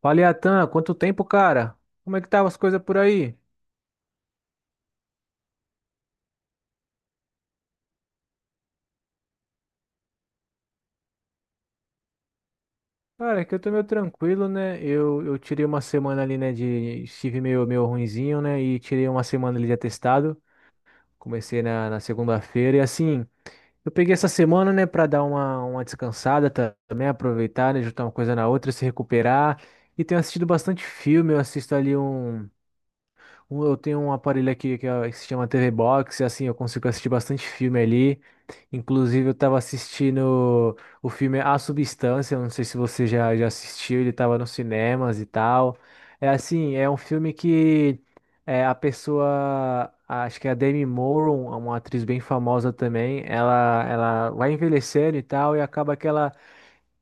Fala, Atan, quanto tempo, cara? Como é que tava as coisas por aí? Cara, que eu tô meio tranquilo, né? Eu tirei uma semana ali, né, Estive meio ruinzinho, né? E tirei uma semana ali de atestado. Comecei na segunda-feira e, assim, eu peguei essa semana, né, pra dar uma descansada também, aproveitar, né, juntar uma coisa na outra, se recuperar. E tenho assistido bastante filme, eu assisto ali. Eu tenho um aparelho aqui que, que se chama TV Box, e assim eu consigo assistir bastante filme ali. Inclusive, eu tava assistindo o filme A Substância, eu não sei se você já assistiu, ele tava nos cinemas e tal. É assim, é um filme que é, a pessoa, acho que é a Demi Moore, uma atriz bem famosa também, ela vai envelhecendo e tal, e acaba que ela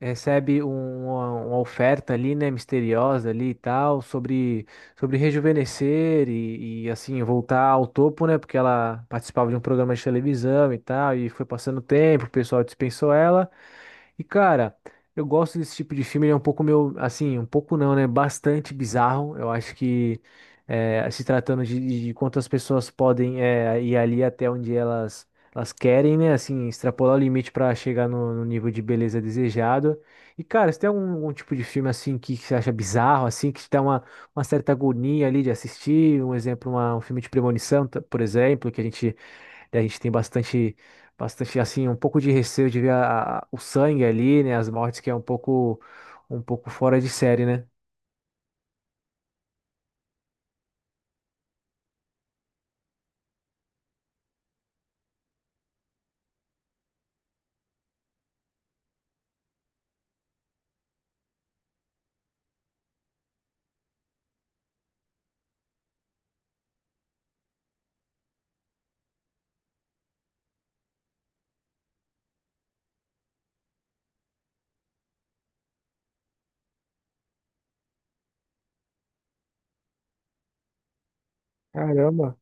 recebe uma oferta ali, né, misteriosa ali e tal, sobre rejuvenescer e, assim, voltar ao topo, né, porque ela participava de um programa de televisão e tal, e foi passando o tempo, o pessoal dispensou ela, e cara, eu gosto desse tipo de filme, ele é um pouco meu, assim, um pouco não, né? Bastante bizarro. Eu acho que se tratando de quantas pessoas podem ir ali até onde elas querem, né? Assim, extrapolar o limite para chegar no nível de beleza desejado. E cara, se tem algum tipo de filme assim que, você acha bizarro, assim, que te dá uma certa agonia ali de assistir, um exemplo, um filme de premonição, por exemplo, que a gente e A gente tem bastante, bastante assim, um pouco de receio de ver o sangue ali, né? As mortes que é um pouco fora de série, né? Caramba.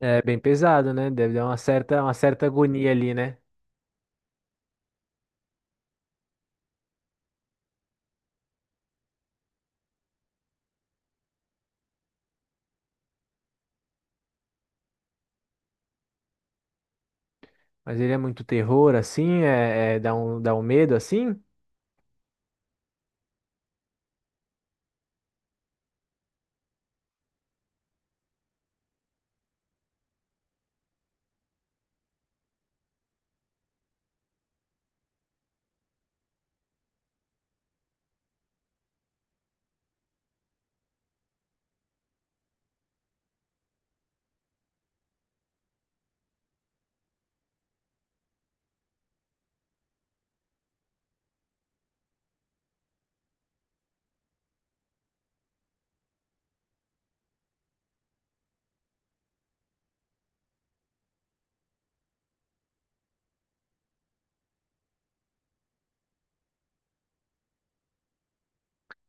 É bem pesado, né? Deve dar uma certa agonia ali, né? Mas ele é muito terror, assim, dá um medo, assim.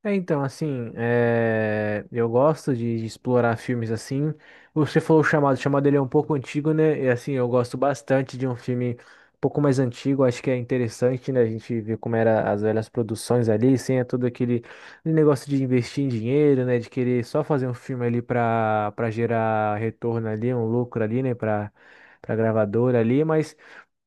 É, então, assim, eu gosto de explorar filmes assim. Você falou o Chamado ele é um pouco antigo, né? E assim, eu gosto bastante de um filme um pouco mais antigo, acho que é interessante, né? A gente ver como era as velhas produções ali, sem todo aquele negócio de investir em dinheiro, né? De querer só fazer um filme ali para gerar retorno ali, um lucro ali, né? Para gravadora ali, mas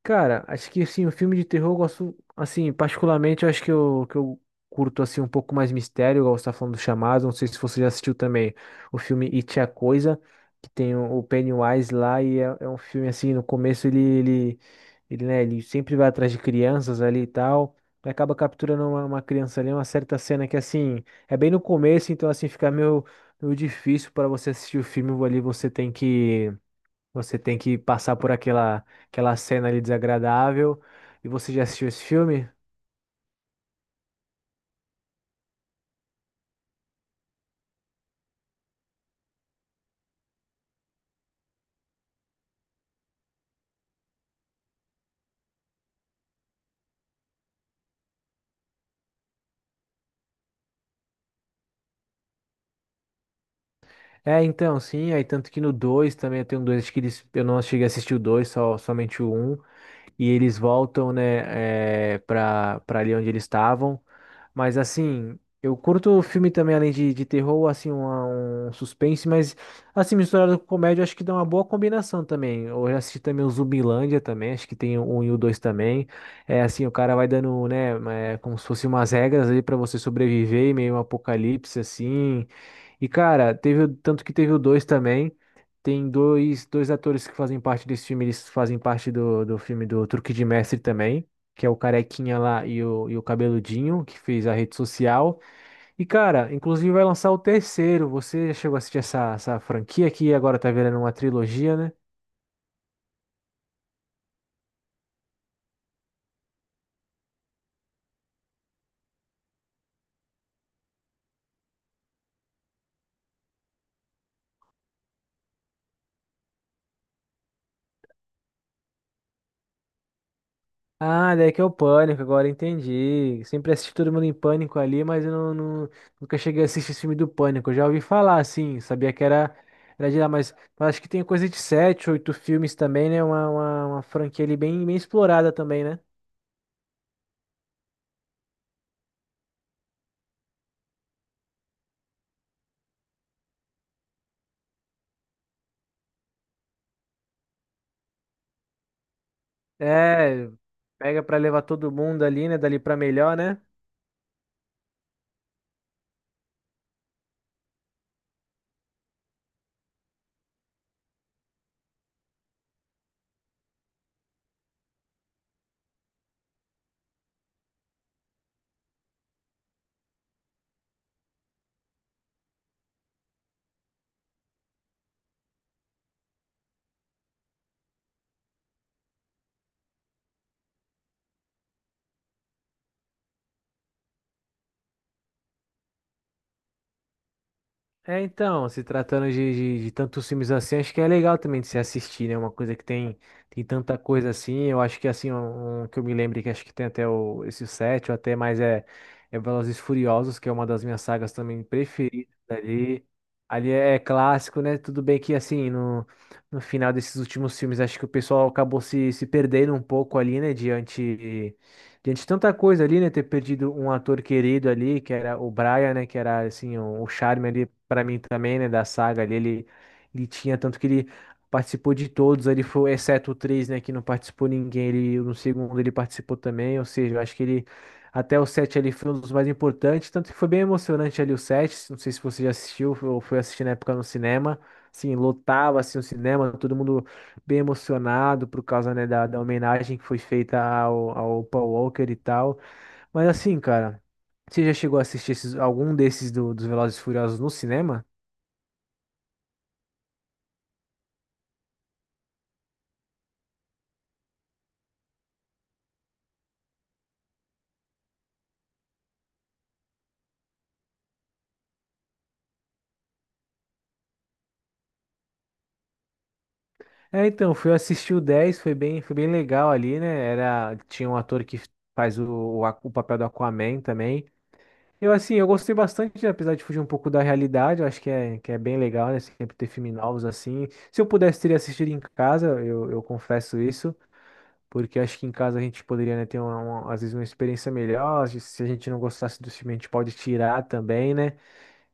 cara, acho que assim, o filme de terror eu gosto, assim, particularmente, eu acho que eu curto assim um pouco mais mistério, igual você tá falando do Chamado, não sei se você já assistiu também o filme It, é a Coisa, que tem o Pennywise lá e é um filme assim, no começo né, ele sempre vai atrás de crianças ali e tal, e acaba capturando uma criança ali, uma certa cena que assim, é bem no começo, então assim, fica meio difícil para você assistir o filme, ali você tem que passar por aquela cena ali desagradável. E você já assistiu esse filme? É, então, sim, aí tanto que no 2 também eu tenho dois, acho que eles, eu não cheguei a assistir o 2, só somente o Um. E eles voltam, né, para pra ali onde eles estavam. Mas assim, eu curto filme também, além de terror, assim, um suspense, mas assim, misturado com comédia, eu acho que dá uma boa combinação também. Eu já assisti também o Zumbilândia também, acho que tem o um e o dois também. É assim, o cara vai dando, né, como se fosse umas regras ali para você sobreviver, em meio a um apocalipse, assim. E, cara, teve, tanto que teve o dois também. Tem dois atores que fazem parte desse filme, eles fazem parte do filme do Truque de Mestre também, que é o Carequinha lá e o Cabeludinho, que fez a rede social. E, cara, inclusive vai lançar o terceiro. Você chegou a assistir essa franquia aqui, agora tá virando uma trilogia, né? Ah, daí que é o Pânico, agora entendi. Sempre assisti todo mundo em Pânico ali, mas eu não, não- nunca cheguei a assistir esse filme do Pânico. Eu já ouvi falar, assim, sabia que era de lá, mas eu acho que tem coisa de sete, oito filmes também, né? Uma franquia ali bem, bem explorada também, né? É, pega pra levar todo mundo ali, né? Dali pra melhor, né? É, então, se tratando de tantos filmes assim, acho que é legal também de se assistir, né? Uma coisa que tem tanta coisa assim. Eu acho que assim, um que eu me lembro que acho que tem até esse 7 ou até mais é Velozes e Furiosos, que é uma das minhas sagas também preferidas ali. Ali é clássico, né? Tudo bem que assim, no final desses últimos filmes, acho que o pessoal acabou se perdendo um pouco ali, né? Diante de tanta coisa ali, né? Ter perdido um ator querido ali, que era o Brian, né? Que era, assim, o charme ali para mim também, né? Da saga ali. Ele tinha tanto que ele participou de todos ali, foi, exceto o 3 né? Que não participou ninguém. Ele, no segundo ele participou também. Ou seja, eu acho que até o 7 ali foi um dos mais importantes. Tanto que foi bem emocionante ali o 7. Não sei se você já assistiu ou foi assistir na época no cinema. Assim, lotava, assim, o cinema, todo mundo bem emocionado por causa, né, da homenagem que foi feita ao Paul Walker e tal. Mas assim, cara, você já chegou a assistir algum desses dos Velozes e Furiosos no cinema? É, então, fui assistir o 10 foi bem legal ali, né? Era, tinha um ator que faz o papel do Aquaman também. Eu, assim, eu gostei bastante, apesar de fugir um pouco da realidade, eu acho que que é bem legal, né? Sempre ter filmes novos assim. Se eu pudesse, teria assistido em casa, eu confesso isso. Porque acho que em casa a gente poderia, né, ter às vezes uma experiência melhor. Se a gente não gostasse do filme, a gente pode tirar também, né?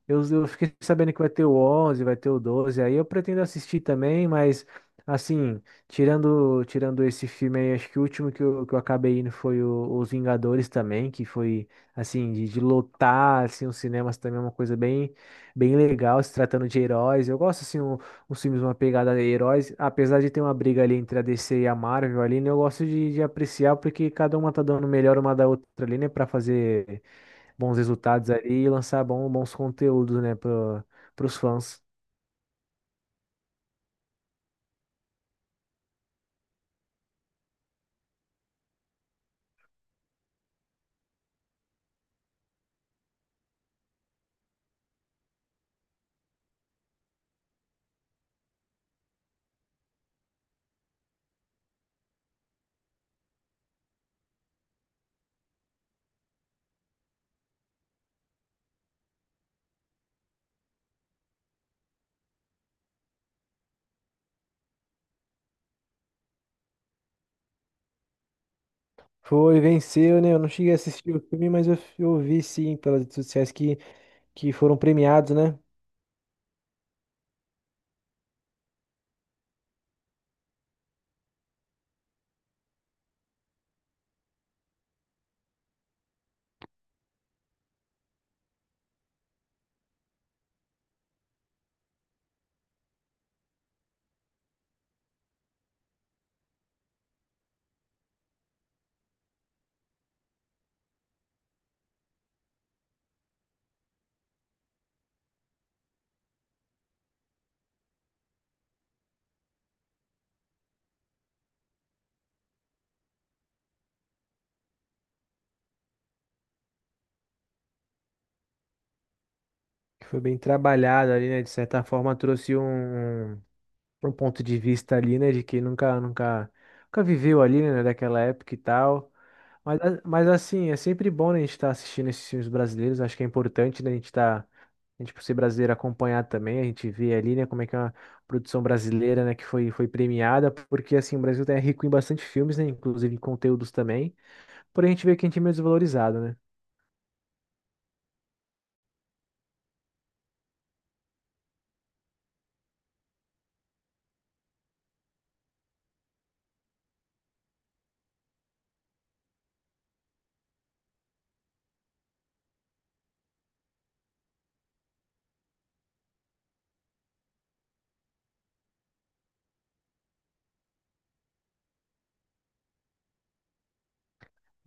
Eu fiquei sabendo que vai ter o 11 vai ter o 12 aí eu pretendo assistir também, mas assim, tirando esse filme aí, acho que o último que eu acabei indo foi Os Vingadores também, que foi assim, de lotar assim, os cinemas também é uma coisa bem legal, se tratando de heróis. Eu gosto assim, uns filmes, uma pegada de heróis, apesar de ter uma briga ali entre a DC e a Marvel ali, né, eu gosto de apreciar porque cada uma tá dando o melhor uma da outra ali, né, para fazer bons resultados ali e lançar bons conteúdos, né, para os fãs. Foi, venceu, né? Eu não cheguei a assistir o filme, mas eu vi sim pelas redes sociais que foram premiados, né? Que foi bem trabalhado ali, né? De certa forma trouxe um ponto de vista ali, né? De quem nunca, nunca, nunca viveu ali, né? Daquela época e tal. Mas, mas assim, é sempre bom, né, a gente estar assistindo esses filmes brasileiros. Acho que é importante, né, a gente estar, a gente, por ser brasileiro, acompanhar também. A gente vê ali, né, como é que é uma produção brasileira, né, que foi premiada. Porque, assim, o Brasil é rico em bastante filmes, né, inclusive em conteúdos também. Porém, a gente vê que a gente é meio desvalorizado, né?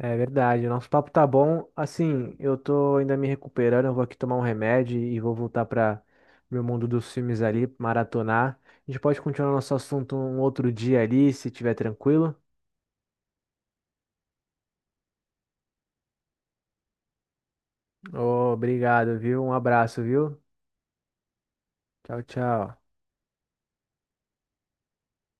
É verdade. O nosso papo tá bom. Assim, eu tô ainda me recuperando. Eu vou aqui tomar um remédio e vou voltar para meu mundo dos filmes ali, maratonar. A gente pode continuar nosso assunto um outro dia ali, se tiver tranquilo. Ô, obrigado, viu? Um abraço, viu? Tchau, tchau.